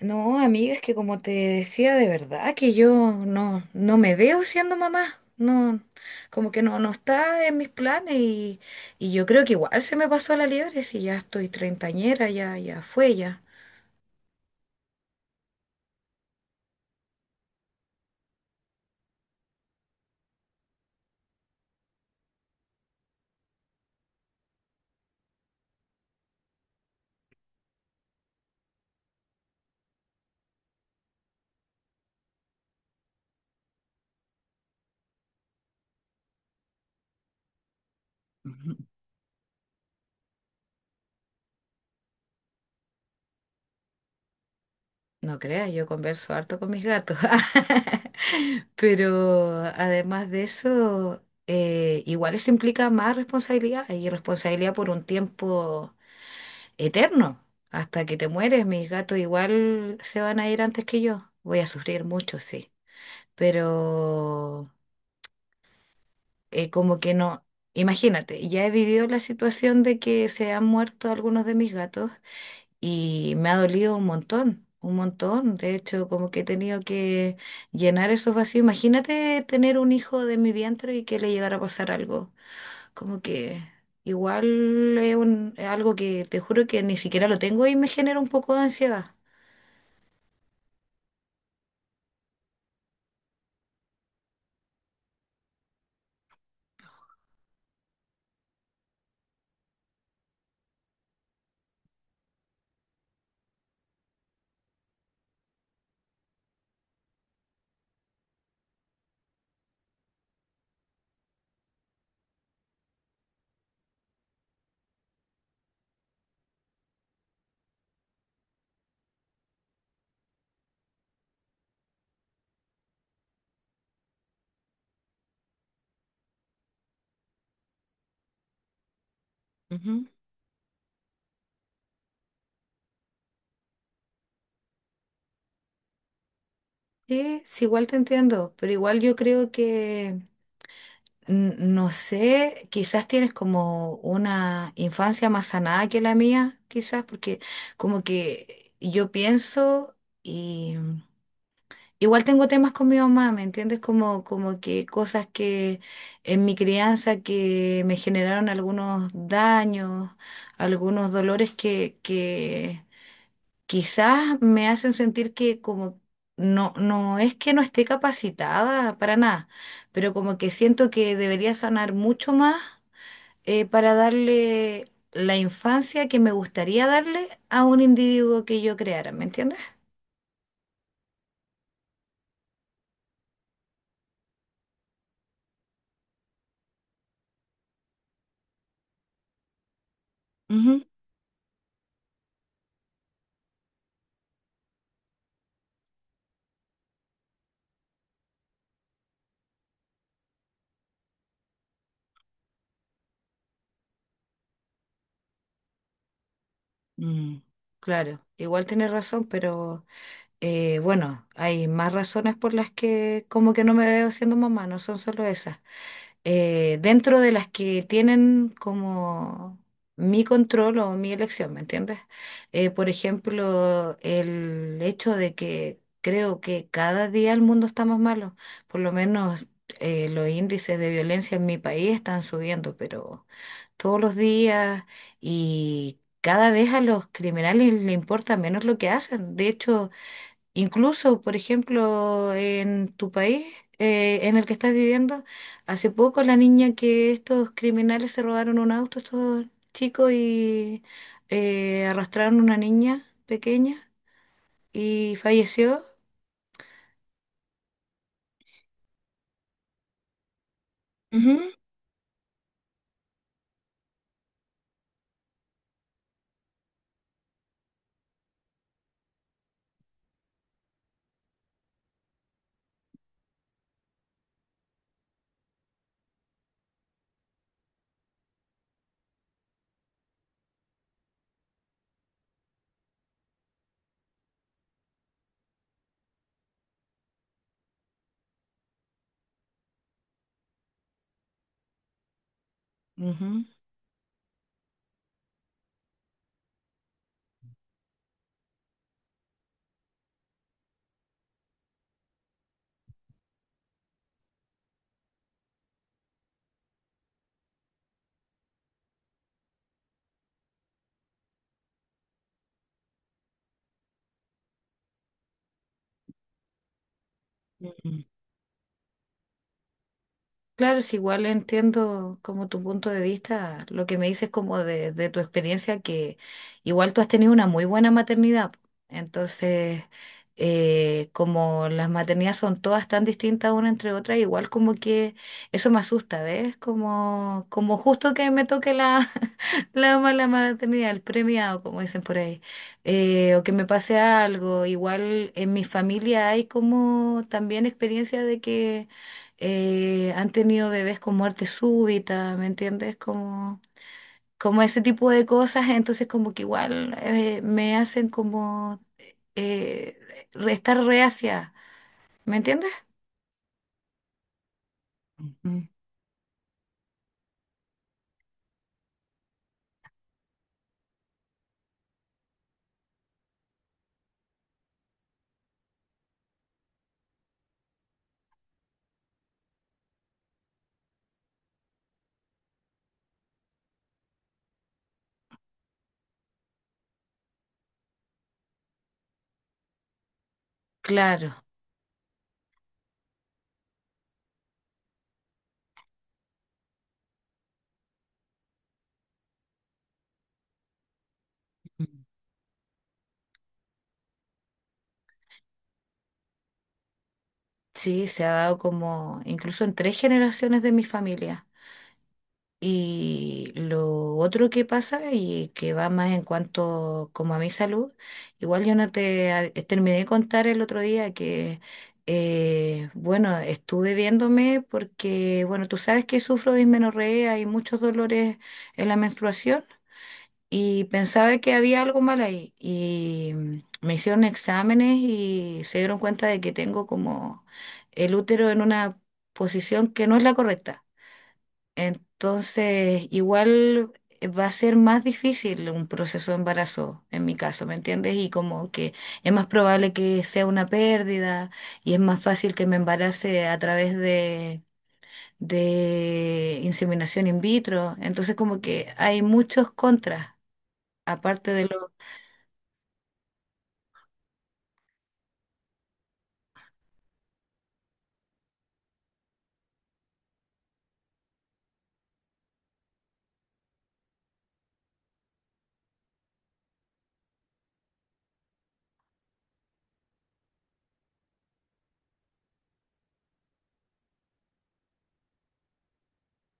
No, amiga, es que como te decía, de verdad que yo no me veo siendo mamá. No, como que no está en mis planes y yo creo que igual se me pasó la liebre si ya estoy treintañera, ya, ya fue ya. Ujú. No creas, yo converso harto con mis gatos. Pero además de eso, igual eso implica más responsabilidad y responsabilidad por un tiempo eterno. Hasta que te mueres, mis gatos igual se van a ir antes que yo. Voy a sufrir mucho, sí. Pero como que no, imagínate, ya he vivido la situación de que se han muerto algunos de mis gatos y me ha dolido un montón, un montón. De hecho, como que he tenido que llenar esos vacíos. Imagínate tener un hijo de mi vientre y que le llegara a pasar algo. Como que... Igual es algo que te juro que ni siquiera lo tengo y me genera un poco de ansiedad. Ujú. Sí, sí, igual te entiendo, pero igual yo creo que, no sé, quizás tienes como una infancia más sanada que la mía, quizás, porque como que yo pienso y igual tengo temas con mi mamá, ¿me entiendes? Como, como que cosas que en mi crianza que me generaron algunos daños, algunos dolores que quizás me hacen sentir que como no, no es que no esté capacitada para nada, pero como que siento que debería sanar mucho más para darle la infancia que me gustaría darle a un individuo que yo creara, ¿me entiendes? Ujú. Mm. Claro, igual tienes razón, pero bueno, hay más razones por las que como que no me veo siendo mamá, no son solo esas. Dentro de las que tienen como mi control o mi elección, ¿me entiendes? Por ejemplo, el hecho de que creo que cada día el mundo está más malo, por lo menos los índices de violencia en mi país están subiendo, pero todos los días y... Cada vez a los criminales les importa menos lo que hacen. De hecho, incluso, por ejemplo, en tu país, en el que estás viviendo, hace poco la niña que estos criminales se robaron un auto, estos chicos, y arrastraron una niña pequeña y falleció. Ujú. Ujú. Claro, es igual entiendo como tu punto de vista, lo que me dices como de tu experiencia, que igual tú has tenido una muy buena maternidad. Entonces, como las maternidades son todas tan distintas una entre otras igual como que eso me asusta, ¿ves? Como, como justo que me toque la, la mala maternidad, el premiado, como dicen por ahí, o que me pase algo. Igual en mi familia hay como también experiencia de que han tenido bebés con muerte súbita, ¿me entiendes? Como, como ese tipo de cosas, entonces como que igual me hacen como eh, estar reacia, ¿me entiendes? Ujú. Claro. Mm. Sí, se ha dado como incluso en 3 generaciones de mi familia. Y lo otro que pasa y que va más en cuanto como a mi salud, igual yo no terminé de contar el otro día que, bueno, estuve viéndome porque, bueno, tú sabes que sufro de dismenorrea y muchos dolores en la menstruación y pensaba que había algo mal ahí y me hicieron exámenes y se dieron cuenta de que tengo como el útero en una posición que no es la correcta. Entonces, igual va a ser más difícil un proceso de embarazo, en mi caso, ¿me entiendes? Y como que es más probable que sea una pérdida y es más fácil que me embarace a través de inseminación in vitro. Entonces, como que hay muchos contras, aparte de lo...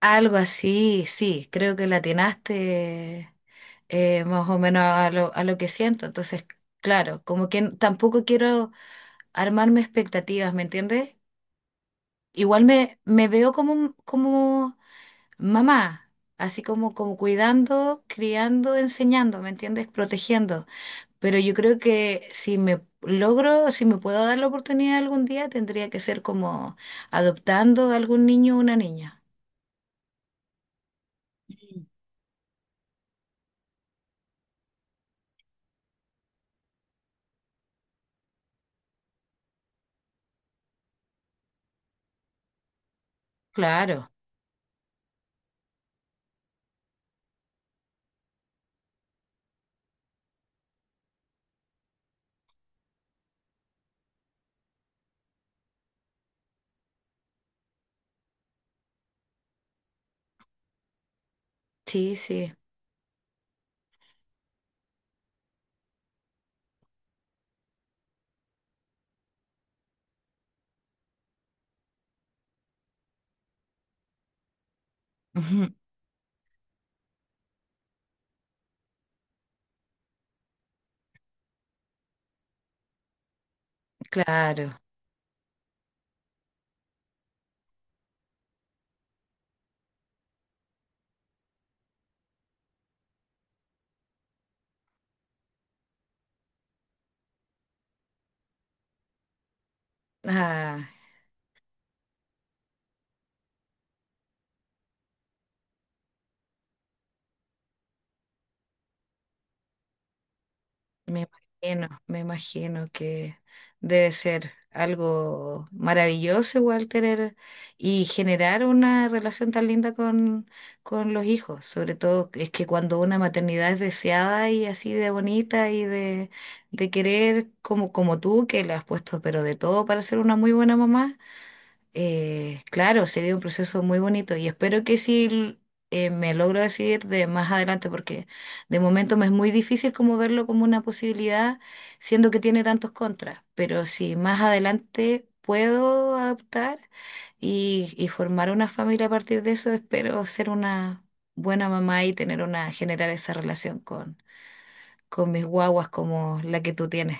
Algo así, sí, creo que la atinaste más o menos a lo que siento. Entonces, claro, como que tampoco quiero armarme expectativas, ¿me entiendes? Igual me veo como, como mamá, así como, como cuidando, criando, enseñando, ¿me entiendes? Protegiendo. Pero yo creo que si me logro, si me puedo dar la oportunidad algún día, tendría que ser como adoptando a algún niño o una niña. Sí. Claro, sí, sí, ujú, claro. Ah. Me me imagino que debe ser algo maravilloso igual tener y generar una relación tan linda con los hijos. Sobre todo es que cuando una maternidad es deseada y así de bonita y de querer como, como tú, que le has puesto pero de todo para ser una muy buena mamá. Claro, sería un proceso muy bonito y espero que sí me logro decidir de más adelante porque de momento me es muy difícil como verlo como una posibilidad, siendo que tiene tantos contras, pero si más adelante puedo adoptar y formar una familia a partir de eso, espero ser una buena mamá y tener una, generar esa relación con mis guaguas como la que tú tienes.